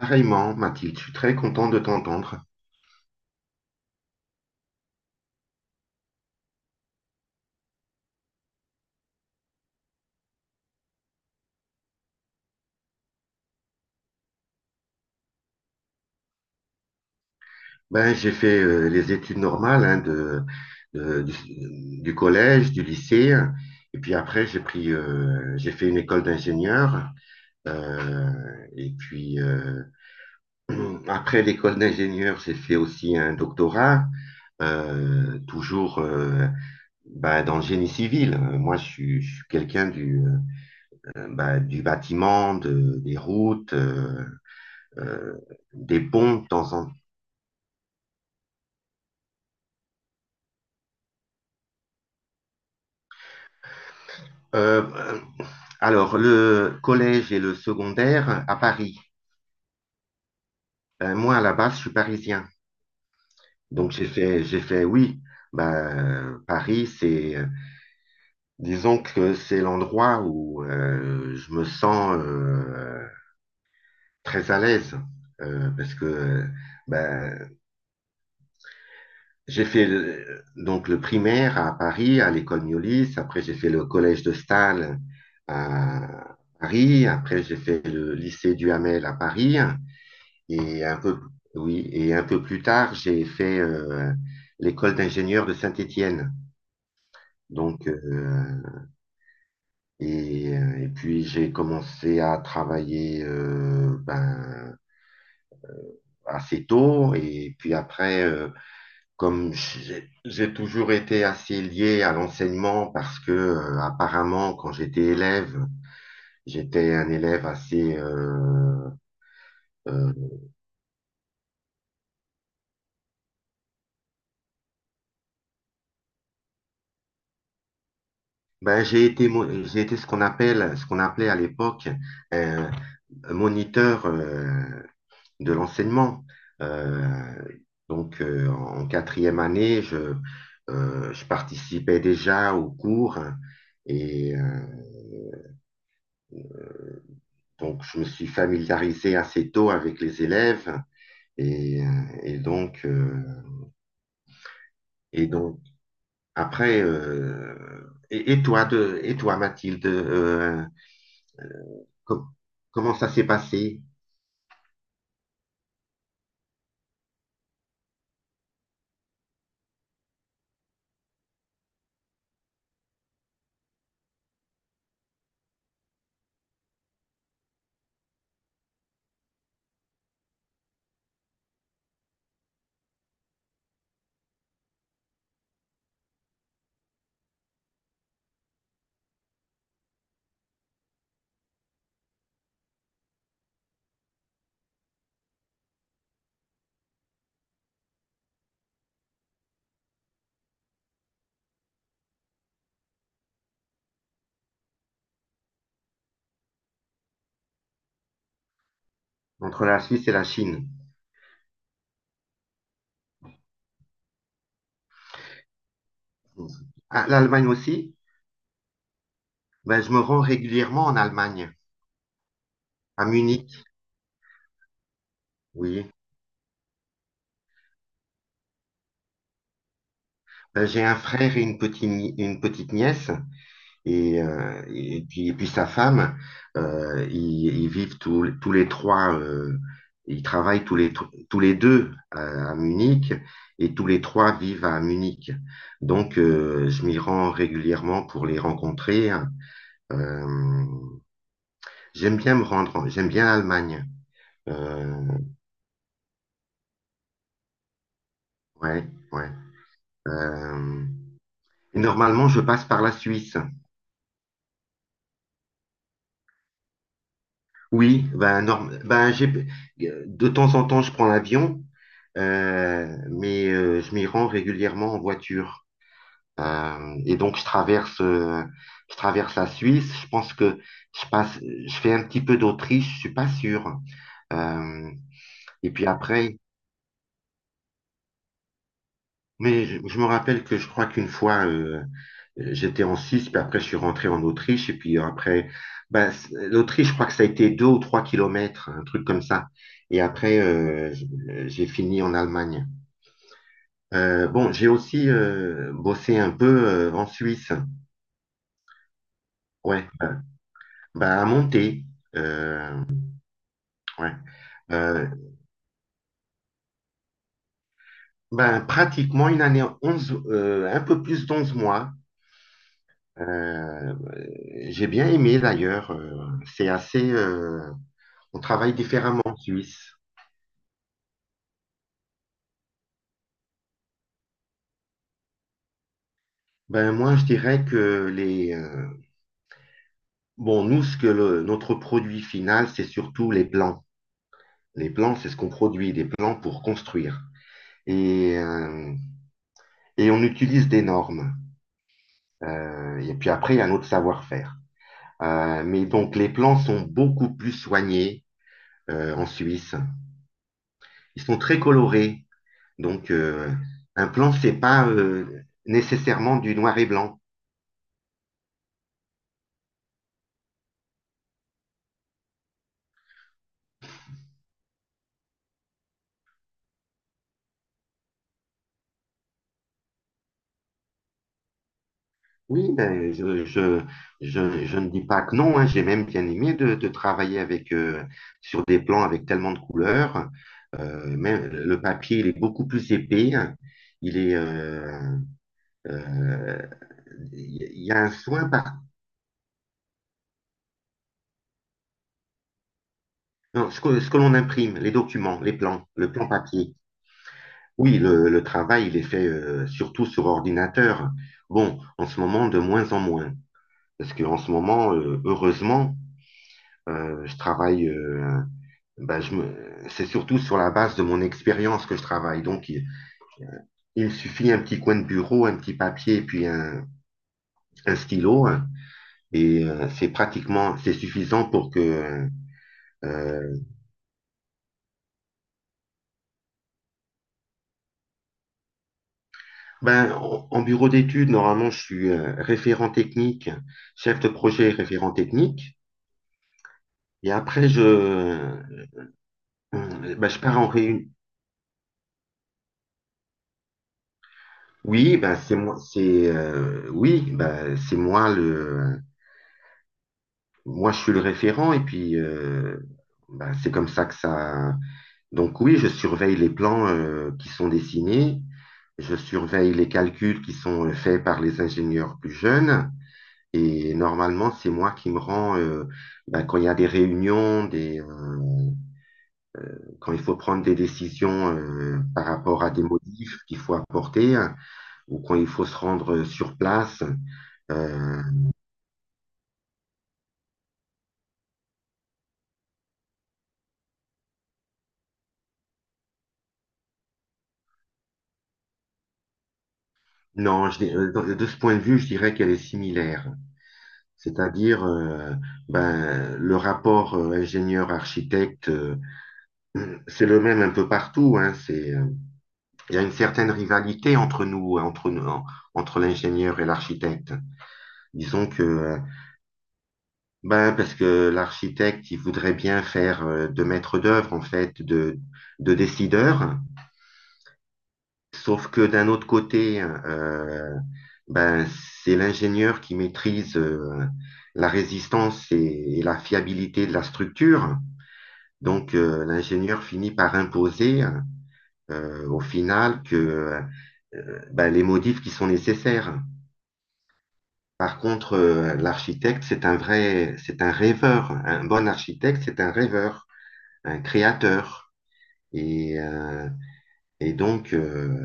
Pareillement, Mathilde, je suis très content de t'entendre. J'ai fait les études normales, hein, du collège, du lycée, et puis après j'ai pris, j'ai fait une école d'ingénieur. euh, et puis Après l'école d'ingénieur, j'ai fait aussi un doctorat, toujours ben, dans le génie civil. Moi, je suis quelqu'un ben, du bâtiment, des routes, euh, des ponts de temps en Euh, alors, le collège et le secondaire à Paris. Moi, à la base, je suis parisien. Donc, j'ai fait, oui, bah, Paris, disons que c'est l'endroit où je me sens très à l'aise. Euh, parce que bah, j'ai fait donc le primaire à Paris, à l'école Miolis. Après, j'ai fait le collège de Stahl à Paris. Après, j'ai fait le lycée Duhamel à Paris. Et un peu, oui, et un peu plus tard, j'ai fait l'école d'ingénieur de Saint-Étienne. Donc, euh, et puis j'ai commencé à travailler ben, assez tôt. Et puis après, comme j'ai toujours été assez lié à l'enseignement parce que apparemment, quand j'étais élève, j'étais un élève assez euh, ben, j'ai été, j'ai été ce qu'on appelle, ce qu'on appelait à l'époque un, moniteur de l'enseignement. Euh, donc, en quatrième année, je participais déjà aux cours et euh, donc je me suis familiarisé assez tôt avec les élèves et, euh, et donc euh, et donc après. Et toi de et toi, Mathilde, Com- comment ça s'est passé? Entre la Suisse et la Chine. Ah, l'Allemagne aussi? Ben, je me rends régulièrement en Allemagne, à Munich, oui. Ben, j'ai un frère et une petite, ni- une petite nièce et puis sa femme, ils vivent tous les trois, ils travaillent tous les deux à Munich et tous les trois vivent à Munich. Donc, je m'y rends régulièrement pour les rencontrer. Euh, J'aime bien me rendre, j'aime bien l'Allemagne. Euh, ouais, ouais. Euh, Normalement, je passe par la Suisse. Oui, de temps en temps, je prends l'avion, mais je m'y rends régulièrement en voiture. Et donc, je traverse la Suisse. Je pense que je fais un petit peu d'Autriche, je suis pas sûr. Euh, et puis après, Mais je me rappelle que je crois qu'une fois, j'étais en Suisse, puis après, je suis rentré en Autriche, et puis après, ben, l'Autriche, je crois que ça a été deux ou trois kilomètres, un truc comme ça. Et après, j'ai fini en Allemagne. Bon, j'ai aussi bossé un peu en Suisse. Ouais, à monter. Euh, ouais. Euh, ben, pratiquement une année, 11 un peu plus d'onze mois. Euh, j'ai bien aimé d'ailleurs. C'est assez. On travaille différemment en Suisse. Je dirais que les bon, nous, ce que notre produit final, c'est surtout les plans. Les plans, c'est ce qu'on produit, des plans pour construire. Et euh, et on utilise des normes. Et puis après, il y a notre savoir-faire. Mais donc les plans sont beaucoup plus soignés en Suisse. Ils sont très colorés. Donc euh, un plan, c'est pas nécessairement du noir et blanc. Oui, ben, je ne dis pas que non, hein. J'ai même bien aimé de travailler avec, sur des plans avec tellement de couleurs. Même le papier, il est beaucoup plus épais. Il est, euh, euh, il y a un soin par… Non, ce que l'on imprime, les documents, les plans, le plan papier. Oui, le travail, il est fait surtout sur ordinateur. Bon, en ce moment, de moins en moins. Parce qu'en ce moment, heureusement, je travaille. Bah, je me... c'est surtout sur la base de mon expérience que je travaille. Donc, il me suffit un petit coin de bureau, un petit papier, un stylo, hein. Et c'est suffisant pour que… euh, ben, en bureau d'études, normalement, je suis chef de projet et référent technique. Et après, ben, je pars en réunion. Oui, ben, oui, ben, moi, je suis le référent et puis ben, c'est comme ça que ça. Donc oui, je surveille les plans qui sont dessinés, je surveille les calculs qui sont faits par les ingénieurs plus jeunes et normalement c'est moi qui me rends ben, quand il y a des réunions, des quand il faut prendre des décisions par rapport à des modifs qu'il faut apporter, hein, ou quand il faut se rendre sur place. Euh, non, de ce point de vue, je dirais qu'elle est similaire. C'est-à-dire, ben, le rapport ingénieur-architecte, c'est le même un peu partout, hein. Il y a une certaine rivalité entre nous, hein, entre l'ingénieur et l'architecte. Disons que, ben, parce que l'architecte, il voudrait bien faire de maître d'œuvre, en fait, de décideur. Sauf que d'un autre côté, ben, c'est l'ingénieur qui maîtrise la résistance et la fiabilité de la structure. Donc, l'ingénieur finit par imposer au final que ben, les modifs qui sont nécessaires. Par contre, l'architecte, c'est un vrai, c'est un rêveur. Un bon architecte, c'est un rêveur, un créateur. Et, euh, et donc,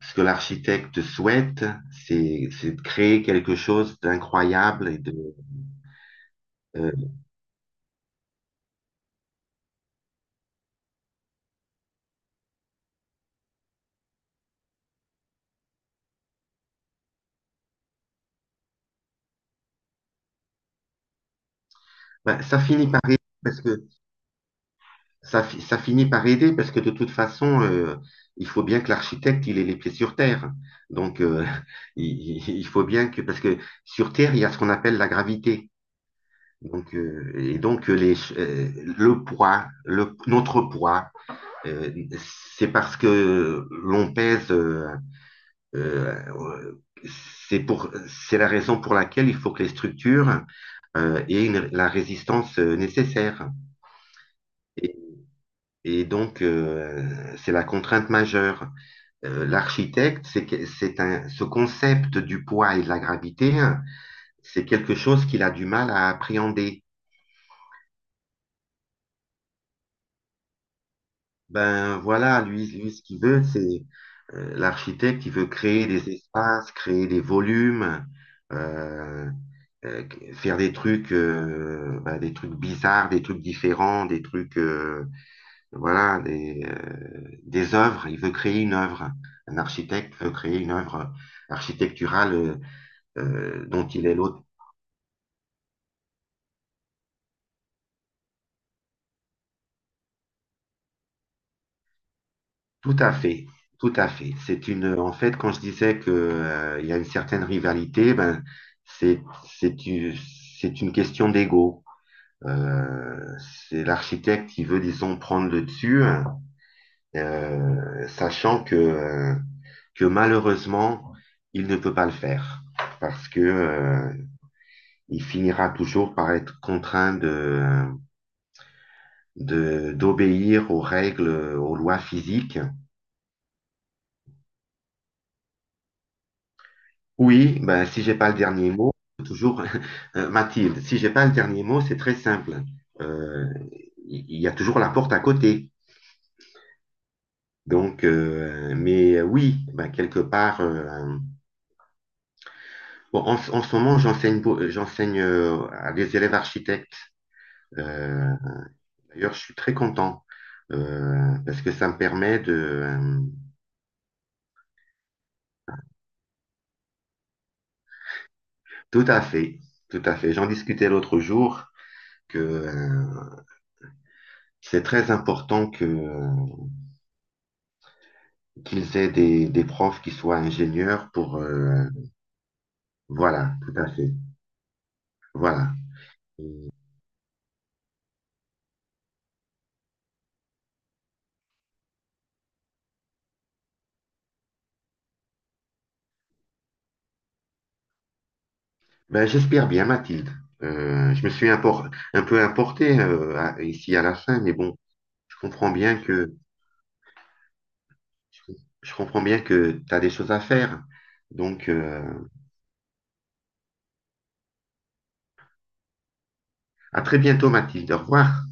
ce que l'architecte souhaite, c'est de créer quelque chose d'incroyable et de. euh, ben, ça finit par parce que Ça, ça finit par aider parce que de toute façon, il faut bien que l'architecte, il ait les pieds sur terre. Donc, il faut bien que, parce que sur Terre, il y a ce qu'on appelle la gravité. Donc, euh, et donc euh, les, ch- euh, le poids, notre poids, euh, c'est parce que l'on pèse. Euh, euh, c'est la raison pour laquelle il faut que les structures aient la résistance nécessaire. Et donc, c'est la contrainte majeure. L'architecte, c'est que- c'est un, ce concept du poids et de la gravité, hein, c'est quelque chose qu'il a du mal à appréhender. Ben voilà, lui ce qu'il veut, c'est l'architecte, il veut créer des espaces, créer des volumes, euh, euh, faire des trucs, ben, des trucs bizarres, des trucs différents, des trucs. Voilà, des œuvres. Il veut créer une œuvre. Un architecte veut créer une œuvre architecturale, dont il est l'autre. Tout à fait, tout à fait. C'est une, en fait, quand je disais que il y a une certaine rivalité, ben c'est c'est une c'est une question d'ego. Euh, c'est l'architecte qui veut, disons, prendre le dessus, hein, sachant que que malheureusement il ne peut pas le faire parce que il finira toujours par être contraint d'obéir aux règles, aux lois physiques. Oui, ben, si j'ai pas le dernier mot, toujours, Mathilde, si j'ai pas le dernier mot, c'est très simple. Euh, Il y a toujours la porte à côté. Donc, oui, ben, quelque part, bon, en ce moment, j'enseigne, j'enseigne à des élèves architectes. Euh, D'ailleurs, je suis très content parce que ça me permet de… Tout à fait, tout à fait. J'en discutais l'autre jour que c'est très important que qu'ils aient des profs qui soient ingénieurs pour voilà, tout à fait. Voilà. Ben, j'espère bien, Mathilde. Je me suis un peu importé ici à la fin, mais bon, je comprends bien que je comprends bien que tu as des choses à faire. Donc, à très bientôt, Mathilde. Au revoir.